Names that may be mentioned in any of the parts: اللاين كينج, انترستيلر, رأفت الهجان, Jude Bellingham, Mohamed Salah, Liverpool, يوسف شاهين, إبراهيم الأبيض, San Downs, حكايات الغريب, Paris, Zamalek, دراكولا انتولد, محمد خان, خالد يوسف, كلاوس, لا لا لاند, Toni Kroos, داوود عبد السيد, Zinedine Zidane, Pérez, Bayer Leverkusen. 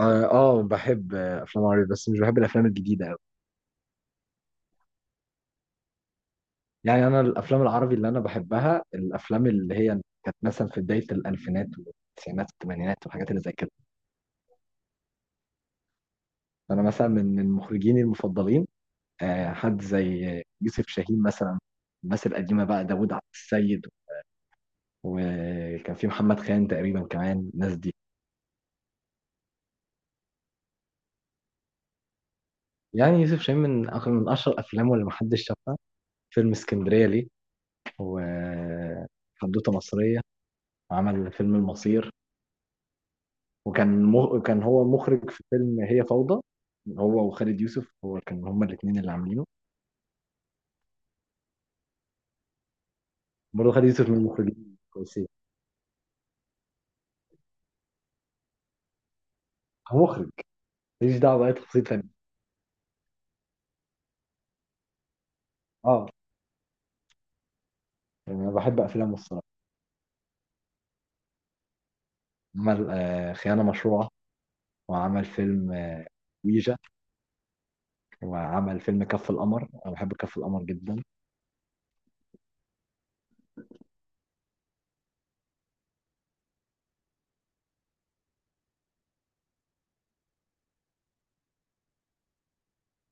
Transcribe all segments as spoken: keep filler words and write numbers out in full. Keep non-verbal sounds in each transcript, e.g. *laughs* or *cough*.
اه، آه، بحب افلام عربي بس مش بحب الافلام الجديده قوي. يعني انا الافلام العربي اللي انا بحبها الافلام اللي هي كانت مثلا في بدايه الالفينات والتسعينات والثمانينات والحاجات اللي زي كده. انا مثلا من المخرجين المفضلين، آه، حد زي يوسف شاهين مثلا. الناس القديمه بقى داوود عبد السيد، وكان في محمد خان تقريبا كمان الناس دي. يعني يوسف شاهين من أخ- من اشهر الافلام اللي محدش شافها فيلم اسكندريه ليه، وحدوته مصريه، وعمل فيلم المصير. وكان مو... كان هو مخرج في فيلم هي فوضى، هو وخالد يوسف، هو كان هما الاثنين اللي عاملينه. برضه خالد يوسف من المخرجين كويسين. هو مخرج، ماليش دعوه باي تفاصيل تانيه. اه، يعني انا بحب افلامه الصراحه. عمل آه خيانه مشروعه، وعمل فيلم آه ويجا، وعمل فيلم كف القمر. انا بحب كف القمر جدا.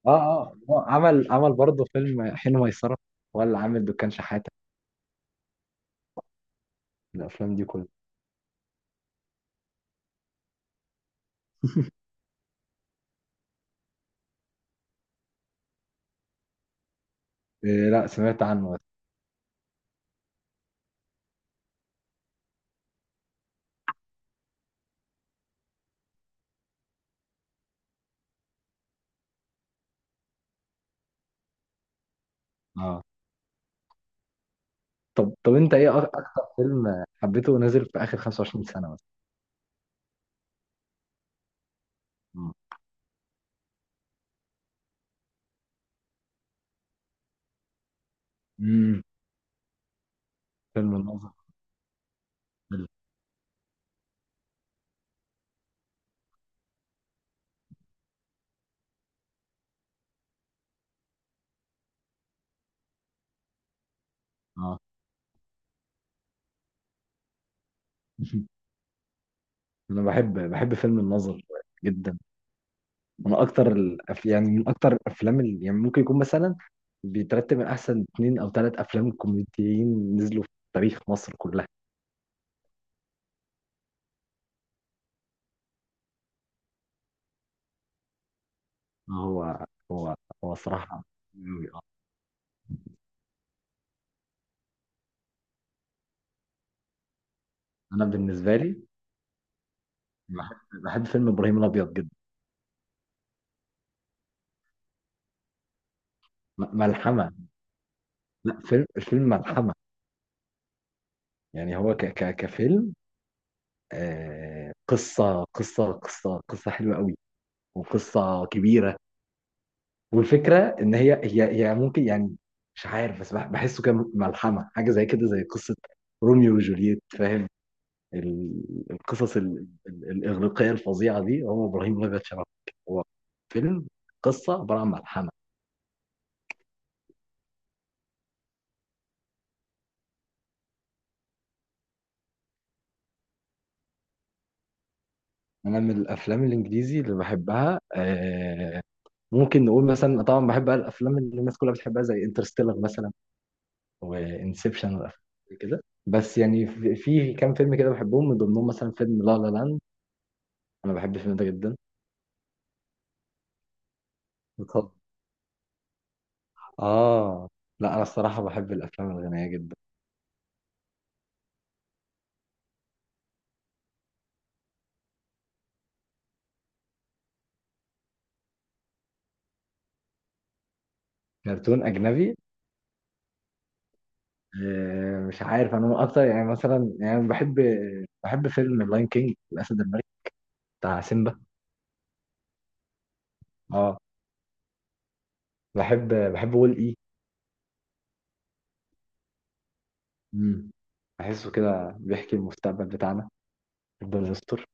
اه، اه، هو عمل عمل برضه فيلم حين ميسره، ولا عامل دكان شحاته. الافلام دي كلها. إيه، لا سمعت عنه بس. اه، طب طب انت ايه أك- اكتر فيلم حبيته نازل في اخر خمسة وعشرين سنة مثلا؟ مم. امم فيلم الناظر حلو. اه. *laughs* انا بحب بحب فيلم الناظر جدا، من اكتر الأف... يعني من اكتر الافلام اللي يعني ممكن يكون مثلا بيترتب من احسن اتنين او تلات افلام كوميديين نزلوا في تاريخ مصر كلها. هو هو هو صراحة أوي، آه. انا بالنسبة لي بحب بحب فيلم ابراهيم الابيض جدا. م- ملحمة. لا فيلم الفيلم ملحمة. يعني هو ك... ك... كفيلم، آه، قصة قصة قصة قصة حلوة قوي وقصة كبيرة. والفكرة إن هي هي هي ممكن يعني مش عارف، بس بح- بحسه كان ملحمة، حاجة زي كده زي قصة روميو وجولييت، فاهم؟ ال- القصص ال- ال- الإغريقية الفظيعة دي، هو إبراهيم الأبيض شبه. هو فيلم قصة عبارة عن ملحمة. أنا من الأفلام الإنجليزي اللي بحبها آه، ممكن نقول مثلا، طبعا بحب بقى الأفلام اللي الناس كلها بتحبها، زي انترستيلر مثلا وانسبشن وافلام كده. بس يعني في في كام فيلم كده بحبهم، من ضمنهم مثلا فيلم لا لا لاند. انا بحب الفيلم ده جدا. بطبع. اه، لا انا الصراحه بحب الافلام الغنيه جدا. كرتون اجنبي، آه، مش عارف، انا من اكتر يعني مثلا يعني بحب بحب فيلم اللاين كينج الاسد الملك بتاع سيمبا. اه، بحب بحب وول اي. مم. بحسه كده بيحكي المستقبل بتاعنا، يفضل يستر.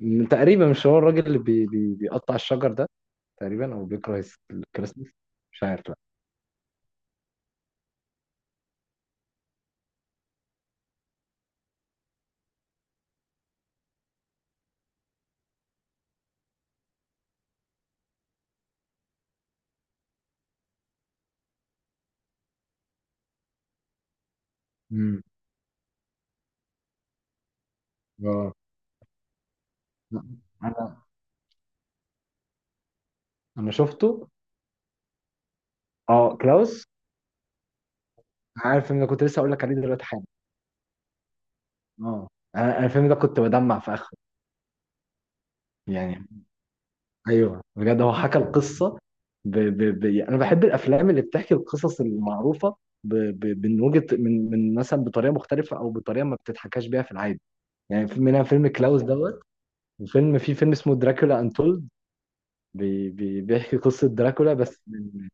م- تقريبا مش هو الراجل اللي بي بي بيقطع الشجر ده، تقريبا او بيكره الس- الكريسماس، مش عارف، لا. امم، اه، لا، انا انا شفته. اه، كلاوس. عارف ان انا كنت لسه اقول لك عليه دلوقتي حالا. اه، انا أنا الفيلم ده كنت بدمع في اخره. يعني ايوه، بجد هو حكى القصه. ب... ب... ب... يعني انا بحب الافلام اللي بتحكي القصص المعروفه ب... ب... من وجهه، من من مثلا بطريقه مختلفه او بطريقه ما بتتحكاش بيها في العادي. يعني في منها فيلم كلاوس دوت، وفيلم في فيلم اسمه دراكولا انتولد، بي... بي... بيحكي قصه دراكولا، بس من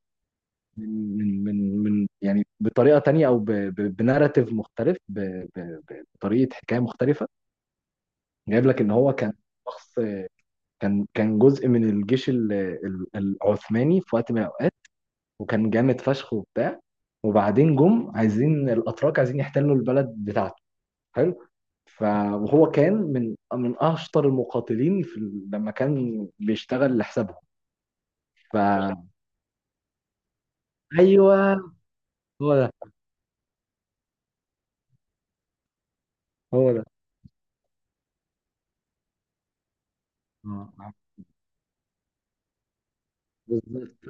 من من من من يعني بطريقه تانية او ب- ب- بناراتيف مختلف، ب- ب- ب- بطريقه حكايه مختلفه. جايب لك ان هو كان شخص كان كان جزء من الجيش ال- ال- العثماني في وقت من الاوقات، وكان جامد فشخ وبتاع. وبعدين جم عايزين، الاتراك عايزين يحتلوا البلد بتاعته. حلو. ف- وهو كان من من اشطر المقاتلين في ال- لما كان بيشتغل لحسابهم. ف ايوه، هو ده، هو ده. آه، بالظبط.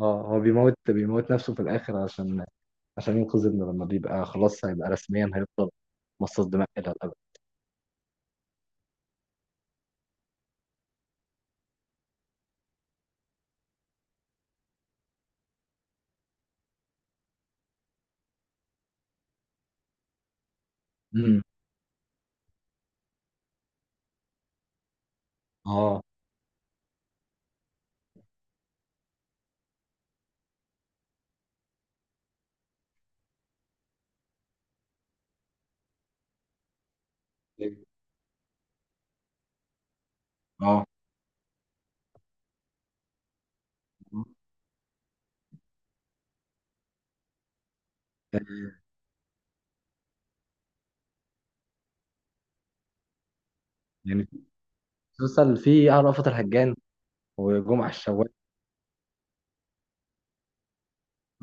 اه، هو بيموت بيموت نفسه في الاخر، عشان عشان ينقذ ابنه، لما بيبقى خلاص هيبقى رسميا هيفضل مصاص دماء الى الابد. امم، اه، اه، يعني في مسلسل فيه اه رأفت الهجان وجمعة الشوال.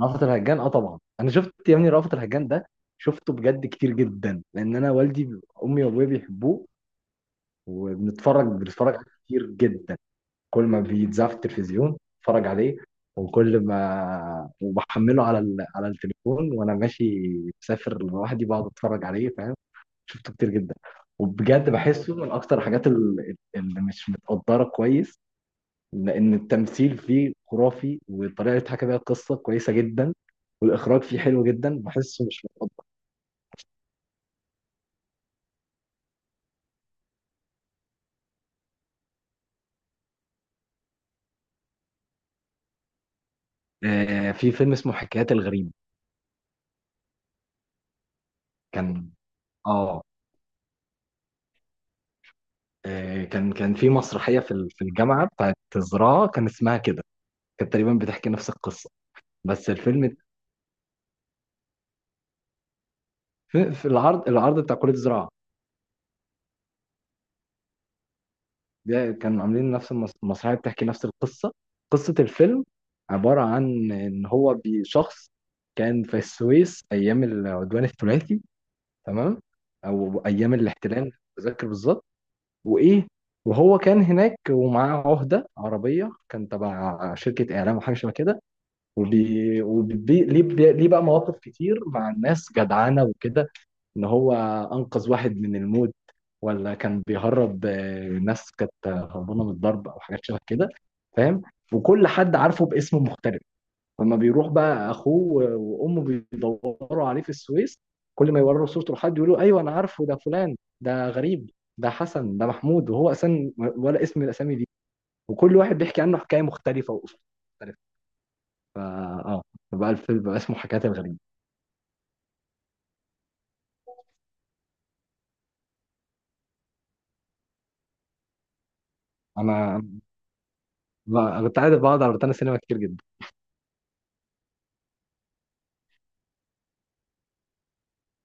رأفت الهجان، اه طبعا انا شفت يا ابني رأفت الهجان ده، شفته بجد كتير جدا، لان انا والدي، امي وابويا بيحبوه. وبنتفرج بنتفرج عليه كتير جدا. كل ما بيتذاع في التلفزيون اتفرج عليه، وكل ما وبحمله على ال... على التليفون وانا ماشي مسافر لوحدي، بقعد اتفرج عليه. فاهم؟ شفته كتير جدا. وبجد بحسه من اكتر الحاجات ال- اللي مش متقدره كويس، لان التمثيل فيه خرافي والطريقه اللي اتحكى بيها القصه كويسه جدا، والاخراج فيه حلو جدا، بحسه مش متقدر. آه في فيلم اسمه حكايات الغريب. كان، اه آه، كان كان في مسرحيه في ال- في الجامعه بتاعت الزراعه، كان اسمها كده، كانت تقريبا بتحكي نفس القصه. بس الفيلم، في, في العرض العرض بتاع كليه الزراعه ده كانوا عاملين نفس المس- المسرحيه، بتحكي نفس القصه. قصه الفيلم عباره عن ان هو بشخص كان في السويس ايام العدوان الثلاثي، تمام، او ايام الاحتلال مش متذكر بالظبط. وايه وهو كان هناك ومعاه عهده عربيه كان تبع شركه اعلام وحاجه شبه كده. وبي... وبي... ليه ليه بقى مواقف كتير مع الناس جدعانه وكده، ان هو انقذ واحد من الموت ولا كان بيهرب آه، ناس كانت هربانه من الضرب او حاجات شبه كده، فاهم؟ وكل حد عارفه باسم مختلف. لما بيروح بقى اخوه وامه بيدوروا عليه في السويس، كل ما يوروا صورته لحد يقولوا ايوه انا عارفه، ده فلان، ده غريب، ده حسن، ده محمود، وهو اصلا ولا اسم من الاسامي دي. وكل واحد بيحكي عنه حكايه مختلفه واسلوب مختلف. فا اه بقى الفيلم بقى اسمه حكايات الغريب. انا أنا كنت عايز بقعد على روتانا سينما كتير جدا.